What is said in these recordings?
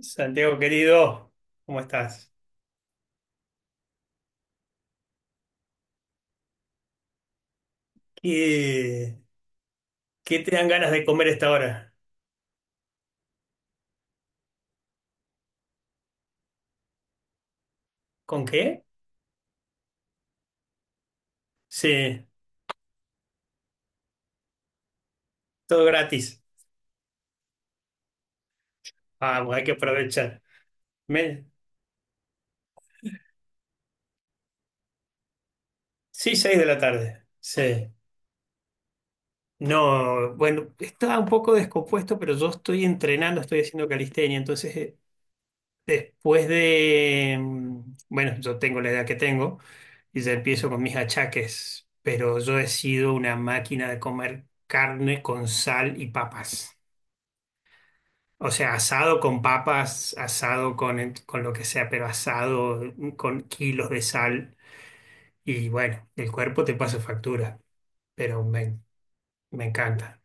Santiago querido, ¿cómo estás? ¿Qué, qué te dan ganas de comer a esta hora? ¿Con qué? Sí, todo gratis. Vamos, hay que aprovechar. Me- Sí, seis de la tarde. Sí. No, bueno, estaba un poco descompuesto, pero yo estoy entrenando, estoy haciendo calistenia, entonces después de, bueno, yo tengo la edad que tengo y ya empiezo con mis achaques, pero yo he sido una máquina de comer carne con sal y papas. O sea, asado con papas, asado con lo que sea, pero asado con kilos de sal. Y bueno, el cuerpo te pasa factura, pero me encanta.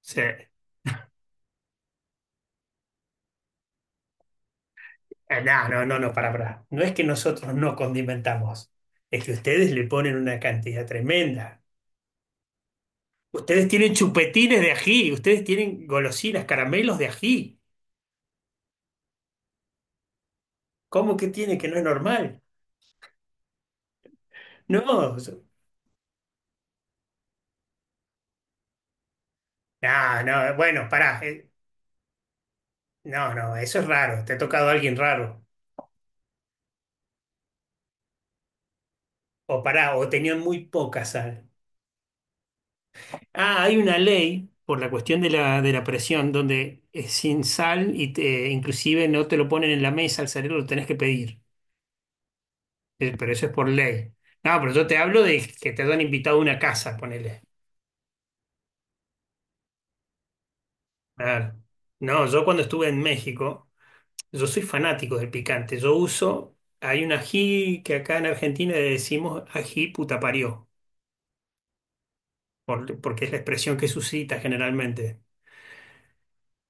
Sí. No, no, no, no, para, para. No es que nosotros no condimentamos, es que ustedes le ponen una cantidad tremenda. Ustedes tienen chupetines de ají, ustedes tienen golosinas, caramelos de ají. ¿Cómo que tiene que no es normal? No, no, no, bueno, pará. No, no, eso es raro. Te ha tocado alguien raro. O pará, o tenían muy poca sal. Ah, hay una ley por la cuestión de la presión donde es sin sal y te, inclusive no te lo ponen en la mesa al salir, lo tenés que pedir. Pero eso es por ley. No, pero yo te hablo de que te han invitado a una casa, ponele. Claro. No, yo cuando estuve en México, yo soy fanático del picante. Yo uso, hay un ají que acá en Argentina le decimos ají puta parió, porque es la expresión que suscita generalmente.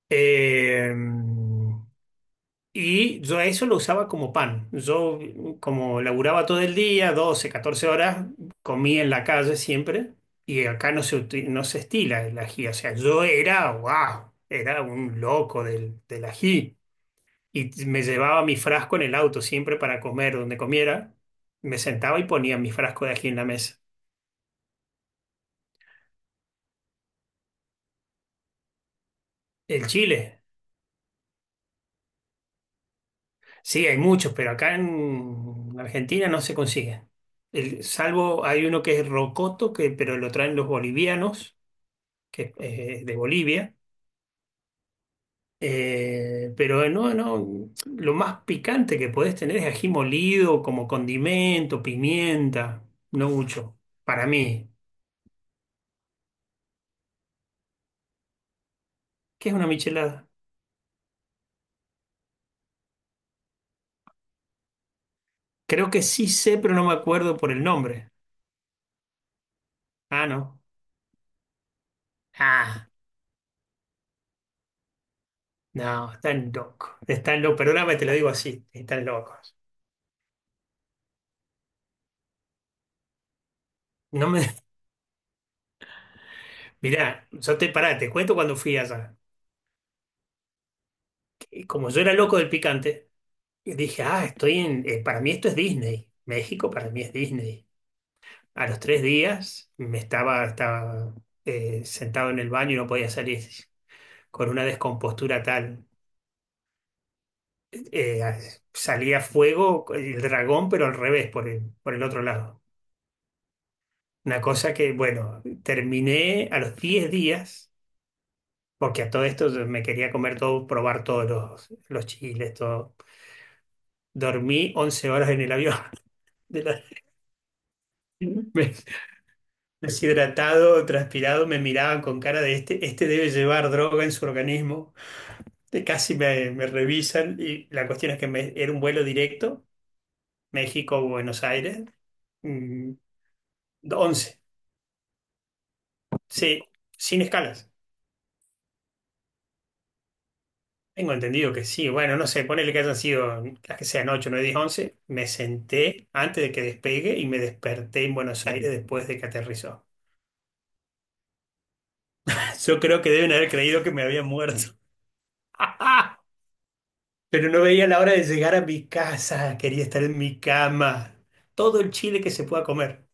Eh, Y yo a eso lo usaba como pan. Yo, como laburaba todo el día, 12 14 horas, comía en la calle siempre. Y acá no se estila el ají. O sea, yo era, wow, era un loco del ají. Y me llevaba mi frasco en el auto siempre para comer donde comiera. Me sentaba y ponía mi frasco de ají en la mesa. El chile, sí, hay muchos, pero acá en Argentina no se consigue. Salvo hay uno que es rocoto, pero lo traen los bolivianos que es, de Bolivia. Pero no, no, lo más picante que podés tener es ají molido como condimento, pimienta, no mucho. Para mí, ¿qué es una michelada? Creo que sí sé, pero no me acuerdo por el nombre. Ah, no. Ah, no, están locos. Están locos, perdóname, te lo digo así, están locos. No me. Mirá, yo te pará, te cuento cuando fui allá. Que Como yo era loco del picante, dije, ah, estoy en. Para mí esto es Disney. México para mí es Disney. A los 3 días estaba sentado en el baño y no podía salir con una descompostura tal. Eh, Salía fuego el dragón, pero al revés, por el, otro lado. Una cosa que, bueno, terminé a los 10 días, porque a todo esto yo me quería comer todo, probar todos los chiles, todo. Dormí 11 horas en el avión. De la- me- Deshidratado, transpirado, me miraban con cara de este, este debe llevar droga en su organismo. De casi me revisan y la cuestión es que era un vuelo directo, México-Buenos Aires, mm, 11, sí, sin escalas. Tengo entendido que sí, bueno, no sé, ponele que hayan sido las que sean 8 9 10 11 me senté antes de que despegue y me desperté en Buenos Aires después de que aterrizó. Yo creo que deben haber creído que me había muerto. Pero no veía la hora de llegar a mi casa, quería estar en mi cama, todo el chile que se pueda comer.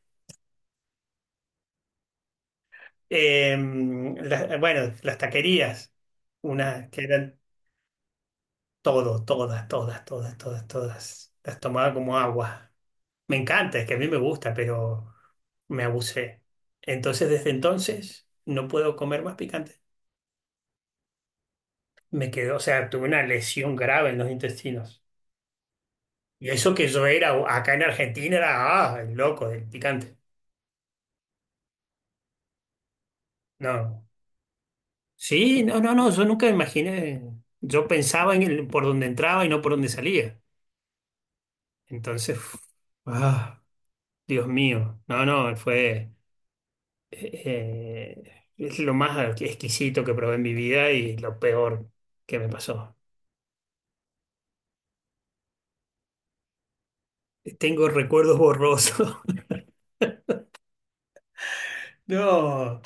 Eh, bueno, las taquerías, unas que eran todo, todas, todas, todas, todas, todas. Las tomaba como agua. Me encanta, es que a mí me gusta, pero me abusé. Entonces, desde entonces, no puedo comer más picante. Me quedó, o sea, tuve una lesión grave en los intestinos. Y eso que yo era, acá en Argentina, era, ah, el loco del picante. No. Sí, no, no, no, yo nunca imaginé. Yo pensaba en por donde entraba y no por donde salía. Entonces, uf, ah, Dios mío, no, no, fue es lo más exquisito que probé en mi vida y lo peor que me pasó. Tengo recuerdos borrosos. No,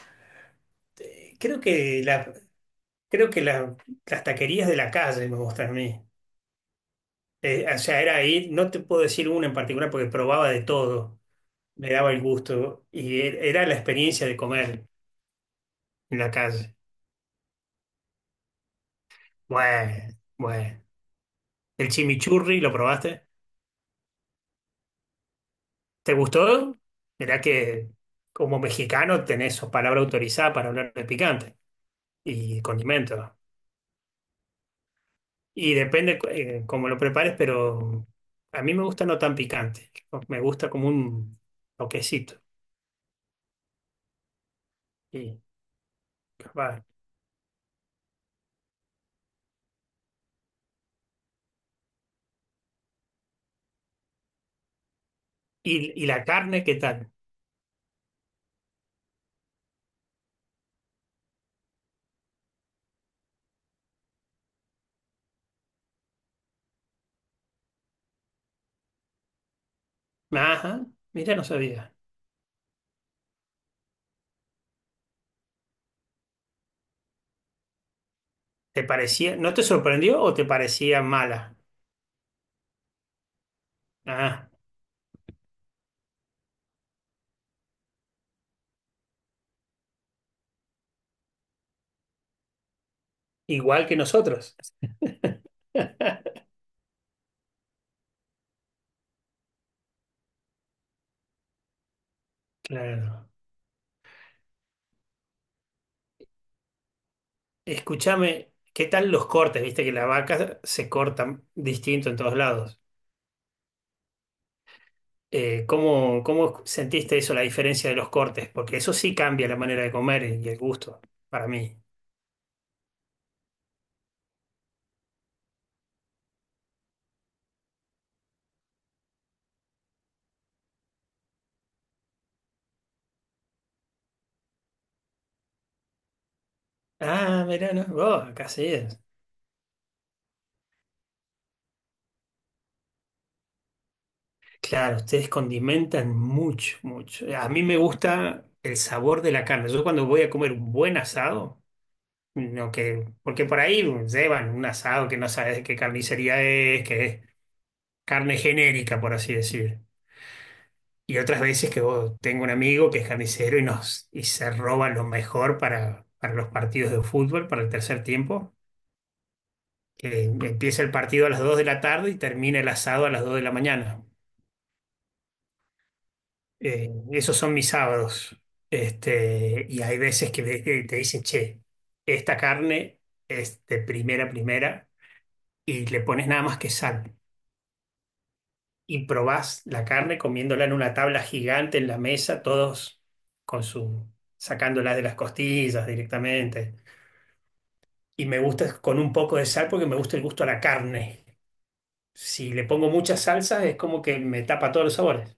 eh, creo que la, creo que la- las taquerías de la calle me gustan a mí. O sea, era ahí no te puedo decir una en particular porque probaba de todo, me daba el gusto y era la experiencia de comer en la calle. Bueno, bueno. ¿El chimichurri lo probaste? ¿Te gustó? Mirá que como mexicano tenés sos palabra autorizada para hablar de picante y condimentos. Y depende cómo lo prepares, pero a mí me gusta no tan picante. Me gusta como un toquecito. Y, capaz- y la carne, ¿qué tal? Ajá, mira, no sabía. ¿Te parecía, no te sorprendió o te parecía mala? Ah, igual que nosotros. Claro. Escúchame, ¿qué tal los cortes? Viste que las vacas se cortan distinto en todos lados. ¿Cómo sentiste eso, la diferencia de los cortes? Porque eso sí cambia la manera de comer y el gusto, para mí. Ah, mirá, no, vos, acá sí es. Claro, ustedes condimentan mucho, mucho. A mí me gusta el sabor de la carne. Yo cuando voy a comer un buen asado, no que, porque por ahí llevan un asado que no sabes de qué carnicería es, que es carne genérica, por así decir. Y otras veces que tengo un amigo que es carnicero y se roba lo mejor para los partidos de fútbol, para el tercer tiempo, que empieza el partido a las 2 de la tarde y termina el asado a las 2 de la mañana. Esos son mis sábados. Este, y hay veces que te dicen, che, esta carne es de primera, primera, y le pones nada más que sal. Y probás la carne comiéndola en una tabla gigante en la mesa, todos con su sacándola de las costillas directamente. Y me gusta con un poco de sal porque me gusta el gusto a la carne. Si le pongo mucha salsa es como que me tapa todos los sabores.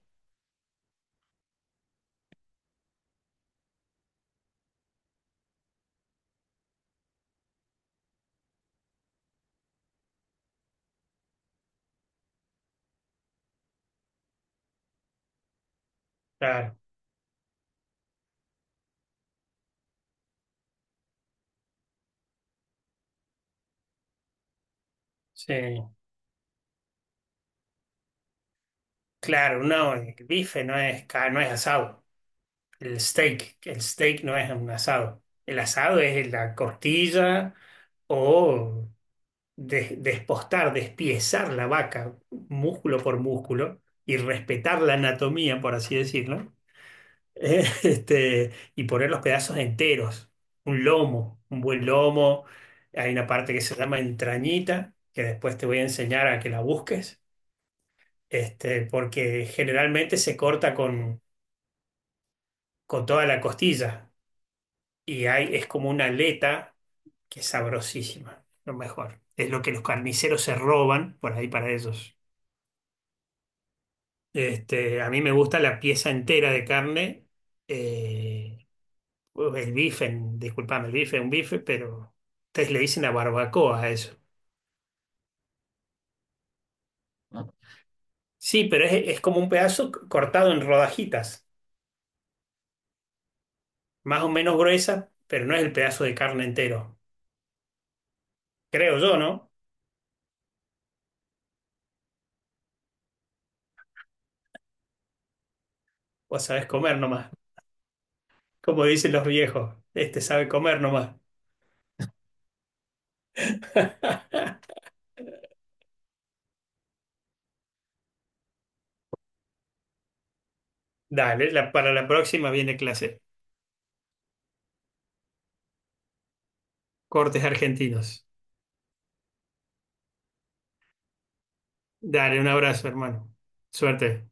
Claro, sí. Claro, no, el bife no es asado. El steak no es un asado. El asado es la costilla o despostar, despiezar la vaca músculo por músculo y respetar la anatomía, por así decirlo, este, y poner los pedazos enteros, un lomo, un buen lomo, hay una parte que se llama entrañita, que después te voy a enseñar a que la busques, este, porque generalmente se corta con, toda la costilla y hay, es como una aleta que es sabrosísima, lo mejor. Es lo que los carniceros se roban por ahí para ellos. Este, a mí me gusta la pieza entera de carne. eh, el bife, disculpame, el bife es un bife, pero ustedes le dicen a barbacoa a eso. Sí, pero es como un pedazo cortado en rodajitas, más o menos gruesas, pero no es el pedazo de carne entero. Creo yo, ¿no? Vos sabés comer nomás. Como dicen los viejos, este sabe comer nomás. Dale, para la próxima viene clase. Cortes argentinos. Dale, un abrazo, hermano. Suerte.